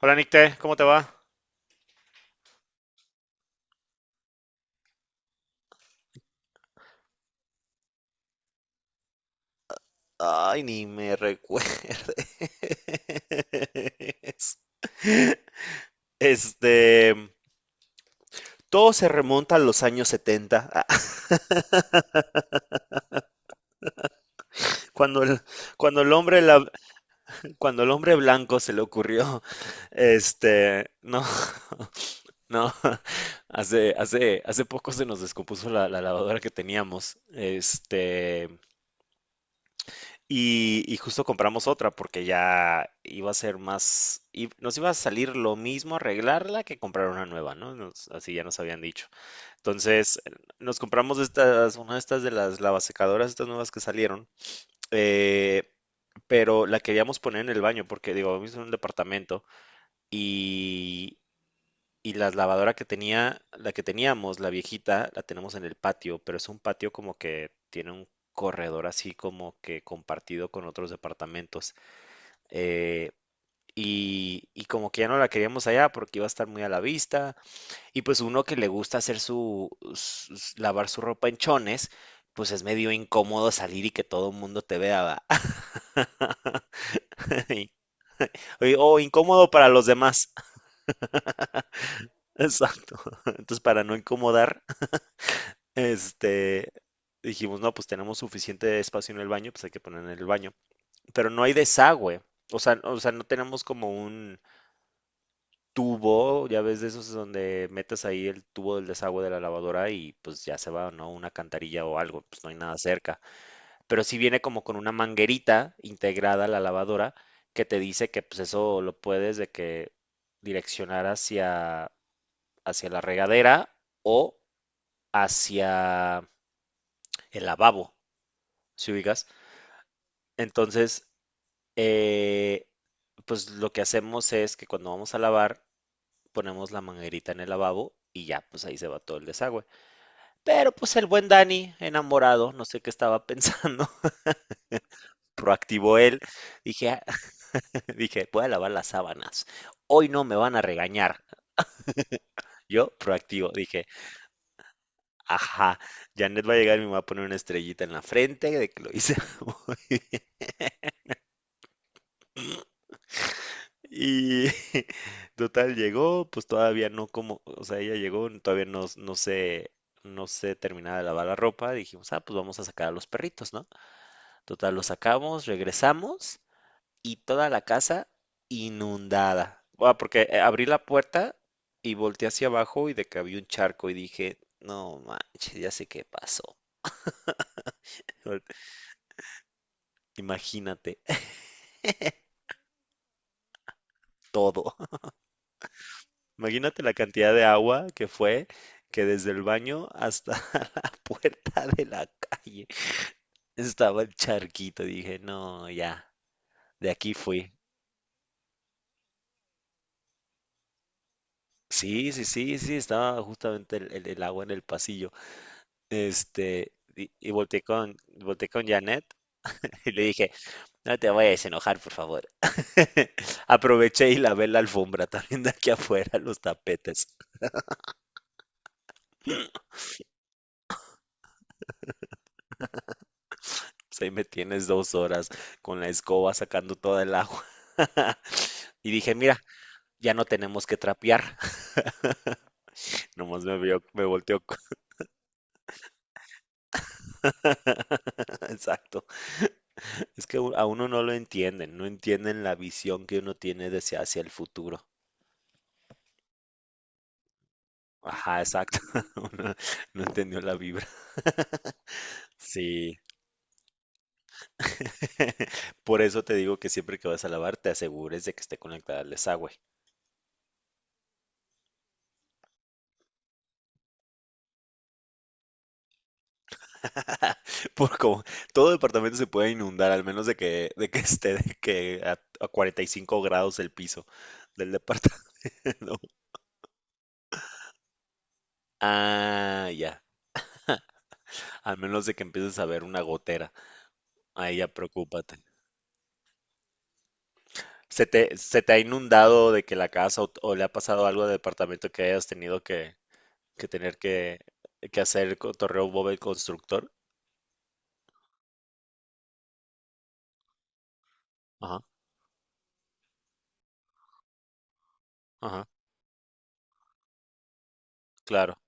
Hola Nicte, ¿cómo te va? Ay, ni me recuerdes. Este, todo se remonta a los años 70, cuando el, cuando el hombre, cuando el hombre blanco se le ocurrió, este, no, no, Hace poco se nos descompuso la lavadora que teníamos, y justo compramos otra porque ya iba a ser más, y nos iba a salir lo mismo arreglarla que comprar una nueva, ¿no? Nos- así ya nos habían dicho. Entonces, nos compramos estas, una de estas de las lavasecadoras, estas nuevas que salieron, eh, pero la queríamos poner en el baño porque, digo, vivimos en un departamento y, y la lavadora que tenía, la que teníamos, la viejita, la tenemos en el patio, pero es un patio como que tiene un corredor así como que compartido con otros departamentos eh, y y, como que ya no la queríamos allá porque iba a estar muy a la vista. Y pues uno que le gusta hacer sus- lavar su ropa en chones, pues es medio incómodo salir y que todo el mundo te vea. ¿Va? Y- O incómodo para los demás. Exacto. Entonces, para no incomodar, este, dijimos, no, pues tenemos suficiente espacio en el baño, pues hay que poner en el baño. Pero no hay desagüe. O sea, no tenemos como un tubo, ya ves de esos donde metes ahí el tubo del desagüe de la lavadora y pues ya se va, ¿no? Una cantarilla o algo, pues no hay nada cerca. Pero sí viene como con una manguerita integrada a la lavadora que te dice que pues eso lo puedes de que direccionar hacia, hacia la regadera o hacia el lavabo, si ubicas. Entonces, eh, pues lo que hacemos es que cuando vamos a lavar, ponemos la manguerita en el lavabo y ya, pues ahí se va todo el desagüe. Pero pues el buen Dani, enamorado, no sé qué estaba pensando. Proactivo él, dije, "Ah", dije, voy a lavar las sábanas. Hoy no me van a regañar. Yo, proactivo, dije, ajá, Janet va a llegar y me va a poner una estrellita en la frente de que lo hice muy bien". Y total llegó, pues todavía no como, o sea, ella llegó, todavía no, no se, no se terminaba de lavar la ropa. Dijimos, ah, pues vamos a sacar a los perritos, ¿no? Total, los sacamos, regresamos y toda la casa inundada. Ah, porque abrí la puerta y volteé hacia abajo y de que había un charco y dije, no manches, ya sé qué pasó. Imagínate todo. Imagínate la cantidad de agua que fue, que desde el baño hasta la puerta de la calle estaba el charquito. Dije, no, ya, de aquí fui. Sí, estaba justamente el agua en el pasillo. Y volteé con Janet. Y le dije, no te vayas a enojar, por favor. Aproveché y lavé la alfombra también de aquí afuera, los tapetes. Pues ahí me tienes dos horas con la escoba sacando toda el agua. Y dije, mira, ya no tenemos que trapear. Nomás me vio, me volteó. Exacto. Es que a uno no lo entienden, no entienden la visión que uno tiene de hacia el futuro. Ajá, exacto. Uno no entendió la vibra. Sí. Por eso te digo que siempre que vas a lavar, te asegures de que esté conectada al desagüe. Por como todo departamento se puede inundar, al menos de que esté de que a 45 grados el piso del departamento. Ah, ya. Al menos de que empieces a ver una gotera. Ahí ya preocúpate. ¿ se te ha inundado de que la casa o le ha pasado algo al departamento que hayas tenido que tener que hacer el torreo Bob el constructor? Ajá, ajá, claro.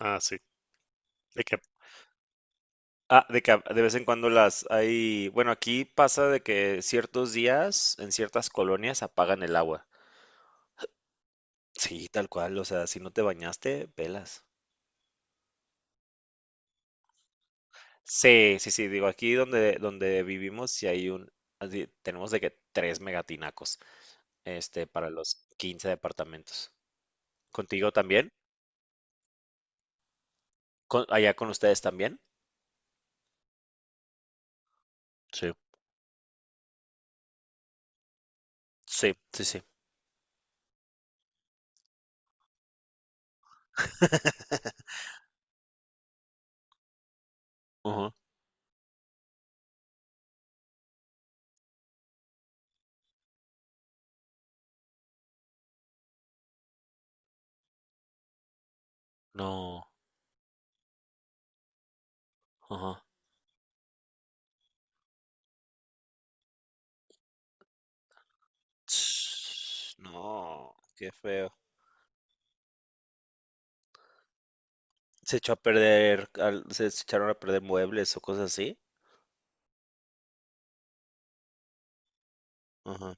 Ah, sí. De que ah, de que a- de vez en cuando las hay, bueno, aquí pasa de que ciertos días en ciertas colonias apagan el agua. Sí, tal cual, o sea, si no te bañaste, pelas. Sí, sí, sí, digo, aquí donde vivimos, si hay un, así, tenemos de que tres megatinacos, para los quince departamentos. ¿Contigo también? ¿Con- allá con ustedes también? Sí, sí, sí, sí. Ajá. No, ajá. Ts- No, qué feo. Se echó a perder, al- se echaron a perder muebles o cosas así. Ajá,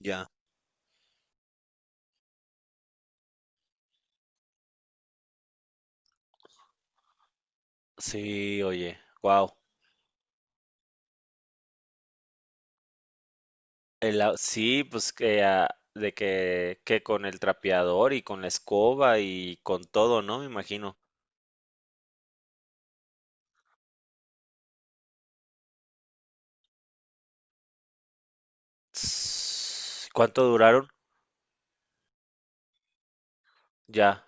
ya. Sí, oye, wow. Sí, pues que ah, de que con el trapeador y con la escoba y con todo, ¿no? Me imagino. Ss, ¿cuánto duraron? Ya,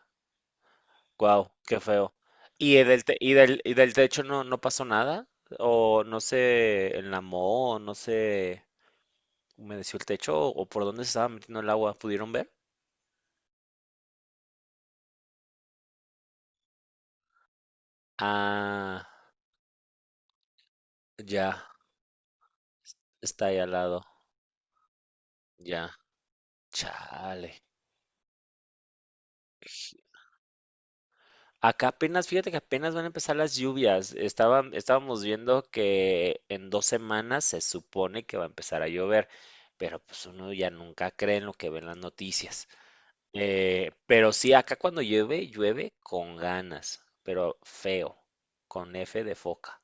wow, qué feo. ¿Y el del te- y del techo no, no pasó nada? ¿O no se enlamó? ¿O no se humedeció el techo? ¿O por dónde se estaba metiendo el agua? ¿Pudieron ver? Ah, ya. Está ahí al lado. Ya. Chale. Acá apenas, fíjate que apenas van a empezar las lluvias. Estábamos viendo que en dos semanas se supone que va a empezar a llover, pero pues uno ya nunca cree en lo que ven las noticias. Pero sí, acá cuando llueve, llueve con ganas, pero feo, con F de foca.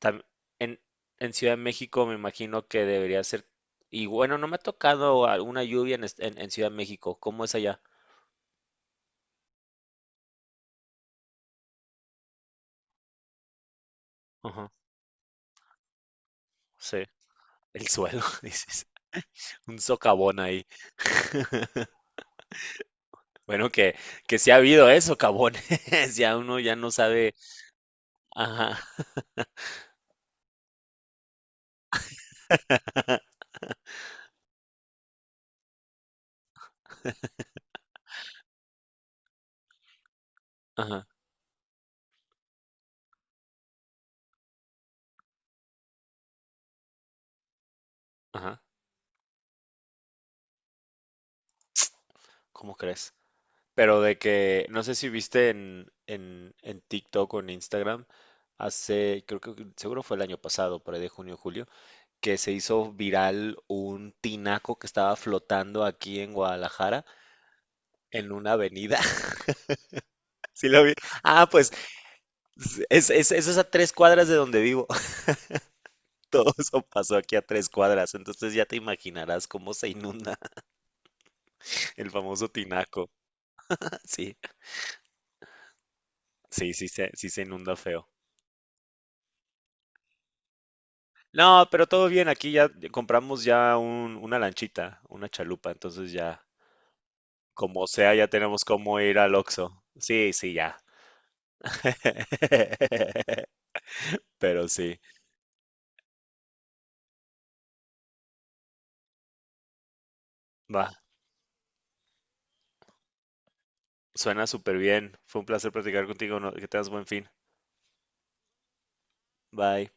Tam- en, en Ciudad de México me imagino que debería ser, y bueno, no me ha tocado alguna lluvia en, est- en Ciudad de México. ¿Cómo es allá? Sí, el suelo, dices, un socavón ahí. Bueno, que sí ha habido eso, socavones, ya uno ya no sabe, ajá, ajá, ajá, ¿cómo crees? Pero de que, no sé si viste en, en TikTok o en Instagram, hace, creo que seguro fue el año pasado, por ahí de junio, julio, que se hizo viral un tinaco que estaba flotando aquí en Guadalajara, en una avenida. ¿Sí lo vi? Ah, pues es, es a tres cuadras de donde vivo. Todo eso pasó aquí a tres cuadras, entonces ya te imaginarás cómo se inunda el famoso tinaco. Sí, sí, se- sí se inunda feo. No, pero todo bien, aquí ya compramos ya un- una lanchita, una chalupa, entonces ya, como sea, ya tenemos cómo ir al Oxxo. Sí, sí, ya. Pero sí, va, suena súper bien. Fue un placer platicar contigo, no- que tengas buen fin. Bye.